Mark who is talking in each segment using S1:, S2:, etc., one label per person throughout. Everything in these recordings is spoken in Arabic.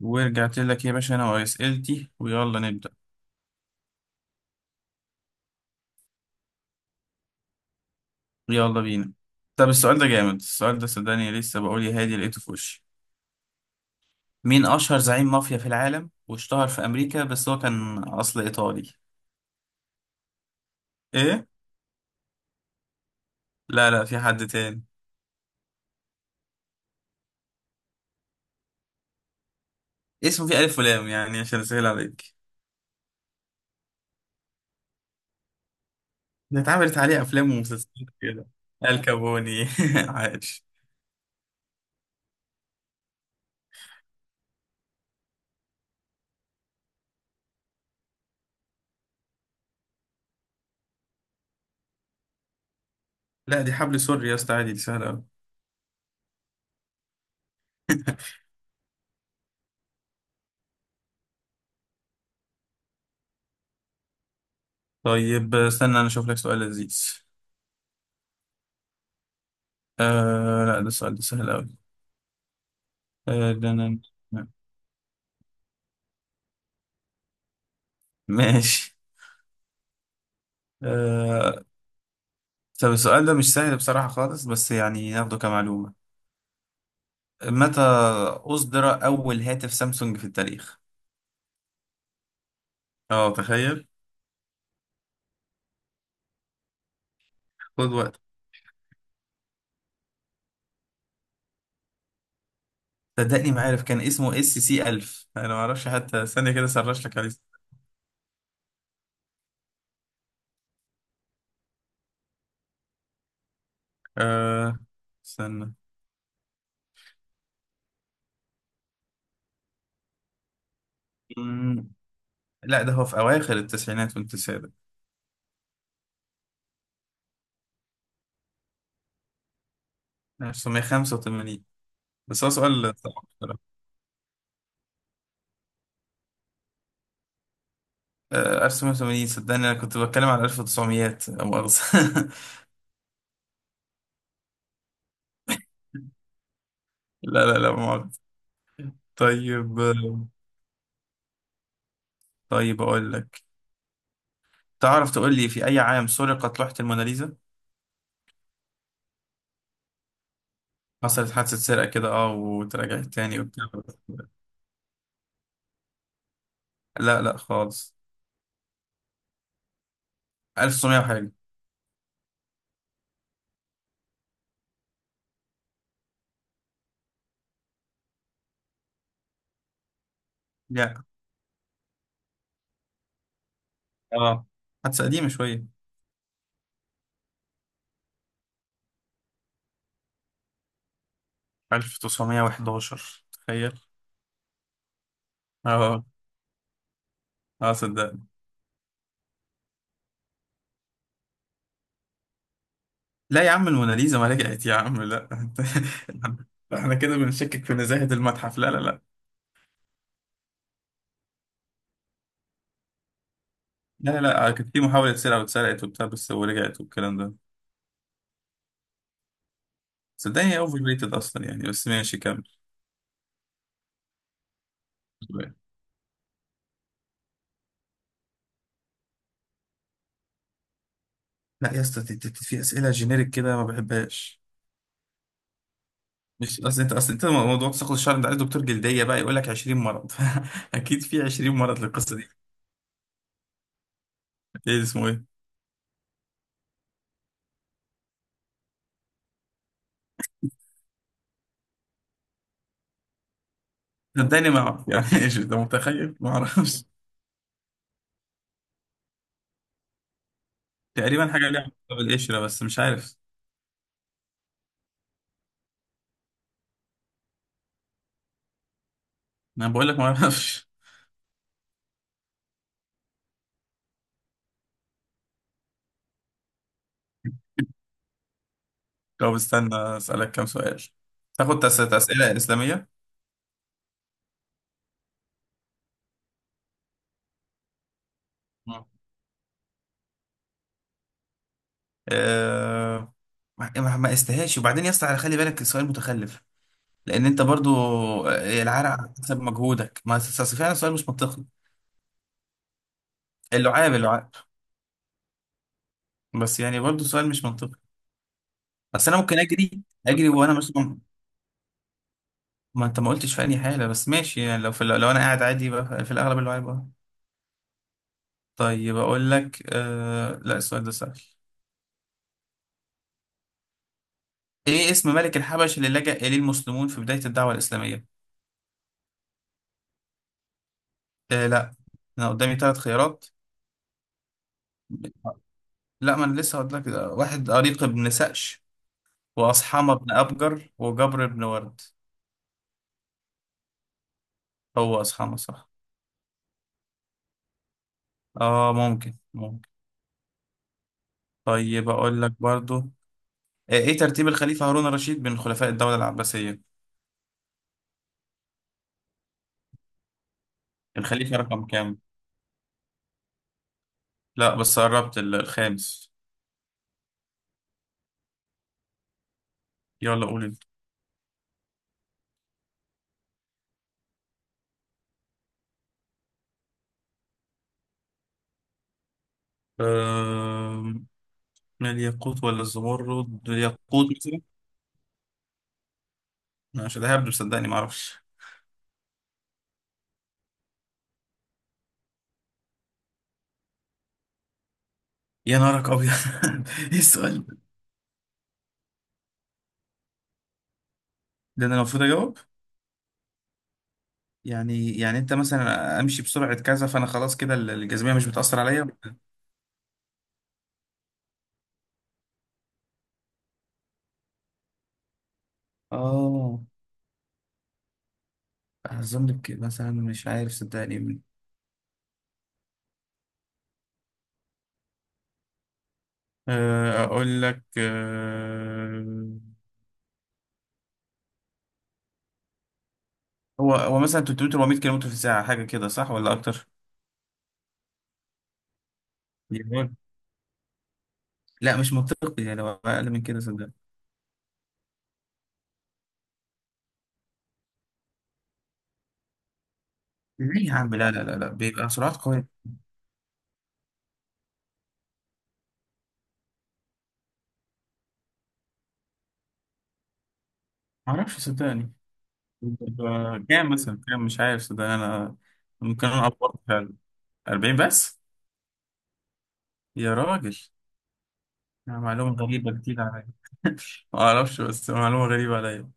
S1: ورجعت لك يا باشا انا واسئلتي ويلا نبدا. يلا بينا. طب السؤال ده جامد، السؤال ده صدقني لسه بقول يا هادي لقيته في وشي. مين اشهر زعيم مافيا في العالم واشتهر في امريكا بس هو كان اصل ايطالي؟ ايه. لا لا، في حد تاني. اسمه فيه الف ولام يعني عشان اسهل عليك. ده اتعملت عليه افلام ومسلسلات كده. الكابوني عاش. لا دي حبل سوري يا اسطى، عادي دي سهله قوي. طيب استنى انا اشوف لك سؤال لذيذ. آه لا، ده السؤال ده سهل قوي. آه ده أنا. ماشي. آه، طب السؤال ده مش سهل بصراحة خالص، بس يعني ناخده كمعلومة. متى أصدر أول هاتف سامسونج في التاريخ؟ اه تخيل. خد وقت. صدقني ما عارف، كان اسمه اس سي 1000، انا ما اعرفش حتى، ثانية كده سرش لك عليه. أه. استنى. مم، لا ده هو في أواخر التسعينات والتسعينات. 1985. بس هو سؤال صعب بصراحة. 1980، صدقني انا كنت بتكلم على 1900 لا مؤاخذة. لا لا، لا مؤاخذة. طيب، طيب أقول لك. تعرف تقول لي في أي عام سرقت لوحة الموناليزا؟ حصلت حادثة سرقة كده وتراجعت تاني وبتاع. لا لا خالص. 1900 وحاجة. لا. اه، حادثة قديمة شوية. 1911 تخيل. اه. اه صدق. لا يا عم، الموناليزا ما رجعت يا عم، لا. انت، احنا كده بنشكك في نزاهة المتحف، لا لا لا. لا لا، كان في محاولة سرقة واتسرقت وبتاع بس ورجعت والكلام ده. صدقني هي اوفر ريتد اصلا يعني، بس ماشي كمل. لا يا اسطى، في اسئله جينيريك كده ما بحبهاش. مش اصل انت اصل انت موضوع تساقط الشعر، انت عايز دكتور جلديه بقى يقول لك 20 مرض. اكيد في 20 مرض للقصه دي. ايه اسمه ايه؟ صدقني ما اعرف يعني ايش انت متخيل؟ ما اعرفش. تقريبا حاجه ليها علاقه بالقشره بس مش عارف. انا بقول لك ما اعرفش. طب استنى اسالك كام سؤال. تاخد اسئله اسلاميه. أه... ما استهاش، وبعدين يا اسطى خلي بالك السؤال متخلف. لان انت برضو، العرق على حسب مجهودك، ما أصل- أصل فعلا سؤال مش منطقي. اللعاب. بس يعني برضو سؤال مش منطقي. بس انا ممكن اجري. اجري وانا مش ما انت ما قلتش في اي حاله، بس ماشي. يعني لو لو انا قاعد عادي يبقى في الاغلب اللعاب، أه. طيب اقول لك، لا السؤال ده سهل. ايه اسم ملك الحبش اللي لجأ اليه المسلمون في بدايه الدعوه الاسلاميه؟ آه لا، انا قدامي ثلاث خيارات. لا ما انا لسه هقول لك. واحد اريق بن سقش، وأصحمة بن أبجر، وجبر بن ورد. هو أصحابنا صح. اه ممكن ممكن. طيب أقول لك برضو، ايه ترتيب الخليفة هارون الرشيد بين خلفاء الدولة العباسية؟ الخليفة رقم كام؟ لا بس قربت، الخامس. يلا قول انت. آم، الياقوت ولا الزمرد؟ الياقوت مثلا. أنا مش ههبد، صدقني ما اعرفش. يا نارك ابيض. ايه السؤال ده؟ ده انا المفروض اجاوب؟ يعني يعني انت مثلا امشي بسرعة كذا فانا خلاص كده الجاذبية مش بتأثر عليا. اه، اظن كده مثلا، مش عارف صدقني. اقول لك، هو هو مثلا 300 400 كيلو متر في الساعه حاجه كده، صح ولا اكتر؟ يقول، لا مش منطقي، يعني لو اقل من كده صدقني. ليه يا عم، لا لا لا لا، بيبقى سرعات قويه. ما اعرفش صدقني. بيبقى كام مثلا؟ كام؟ مش عارف صدقني انا. ممكن انا افكر فعلا. 40 بس؟ يا راجل. معلومه غريبه جديده عليا. ما اعرفش، بس معلومه غريبه عليا.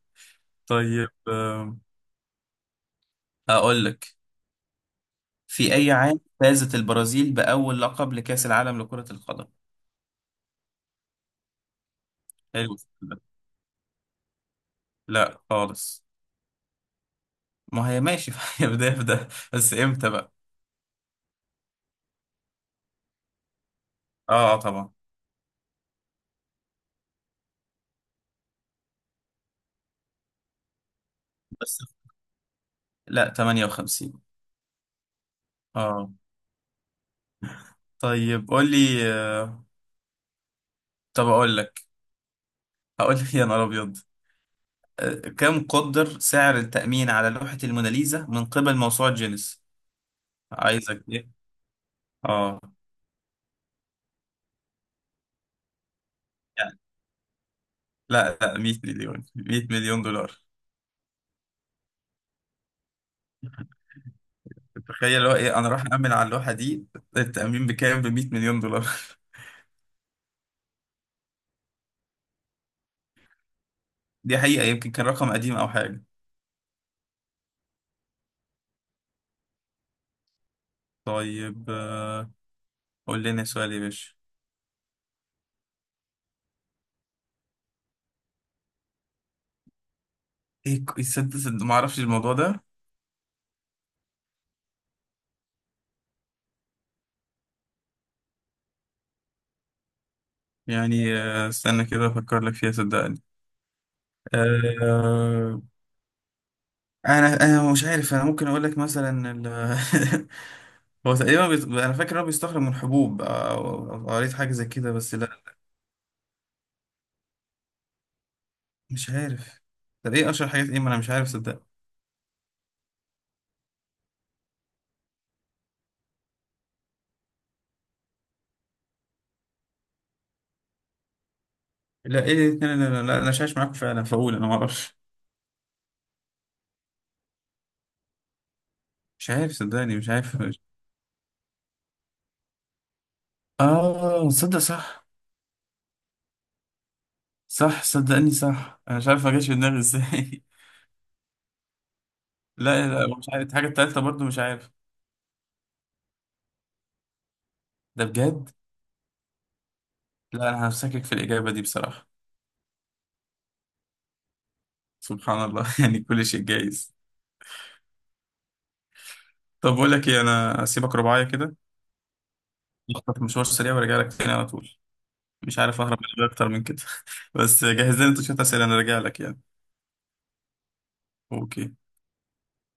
S1: طيب، اقول لك. في اي عام فازت البرازيل باول لقب لكاس العالم لكره القدم؟ حلو. ده، لا خالص. ما هي ماشي هي بداية في ده، بس امتى بقى؟ اه، طبعا. بس لا، 58. اه. طيب قول لي، طب اقول لك. هقول لك يا نهار ابيض. كم قدر سعر التأمين على لوحة الموناليزا من قبل موسوعة جينيس؟ عايزك ايه. اه يعني، لا لا، 100 مليون، 100 مليون دولار. تخيل، هو ايه انا راح أأمن على اللوحة دي. التأمين بكام؟ ب 100 مليون دولار. دي حقيقة يمكن كان رقم قديم او حاجة. طيب، قول لنا سؤال يا باشا. ايه صدق صدق ما اعرفش الموضوع ده. يعني استنى كده افكر لك فيها صدقني. آه، انا مش عارف. انا ممكن اقول لك مثلا هو تقريبا انا فاكر إن هو بيستخرج من حبوب، أو أو قريت حاجه زي كده بس لا. مش عارف. طب ايه اشهر حاجات ايه، ما انا مش عارف صدقني. لا ايه، لا لا لا، لا انا شايف معاكم فعلا فاقول انا ما اعرفش. مش عارف صدقني، مش عارف. اه صدق صح. صح صدقني صح، انا مش عارف ما جاش في دماغي ازاي. لا لا، مش عارف الحاجة التالتة، برضو مش عارف. ده بجد؟ لا أنا همسكك في الإجابة دي بصراحة. سبحان الله يعني كل شيء جايز. طب بقول لك إيه، أنا أسيبك رباعية كده، أخطف مشوار سريع وأرجع لك تاني على طول. مش عارف أهرب من الإجابة أكتر من كده. بس جهز لنا أنت شوية أسئلة، أنا راجع لك يعني. أوكي.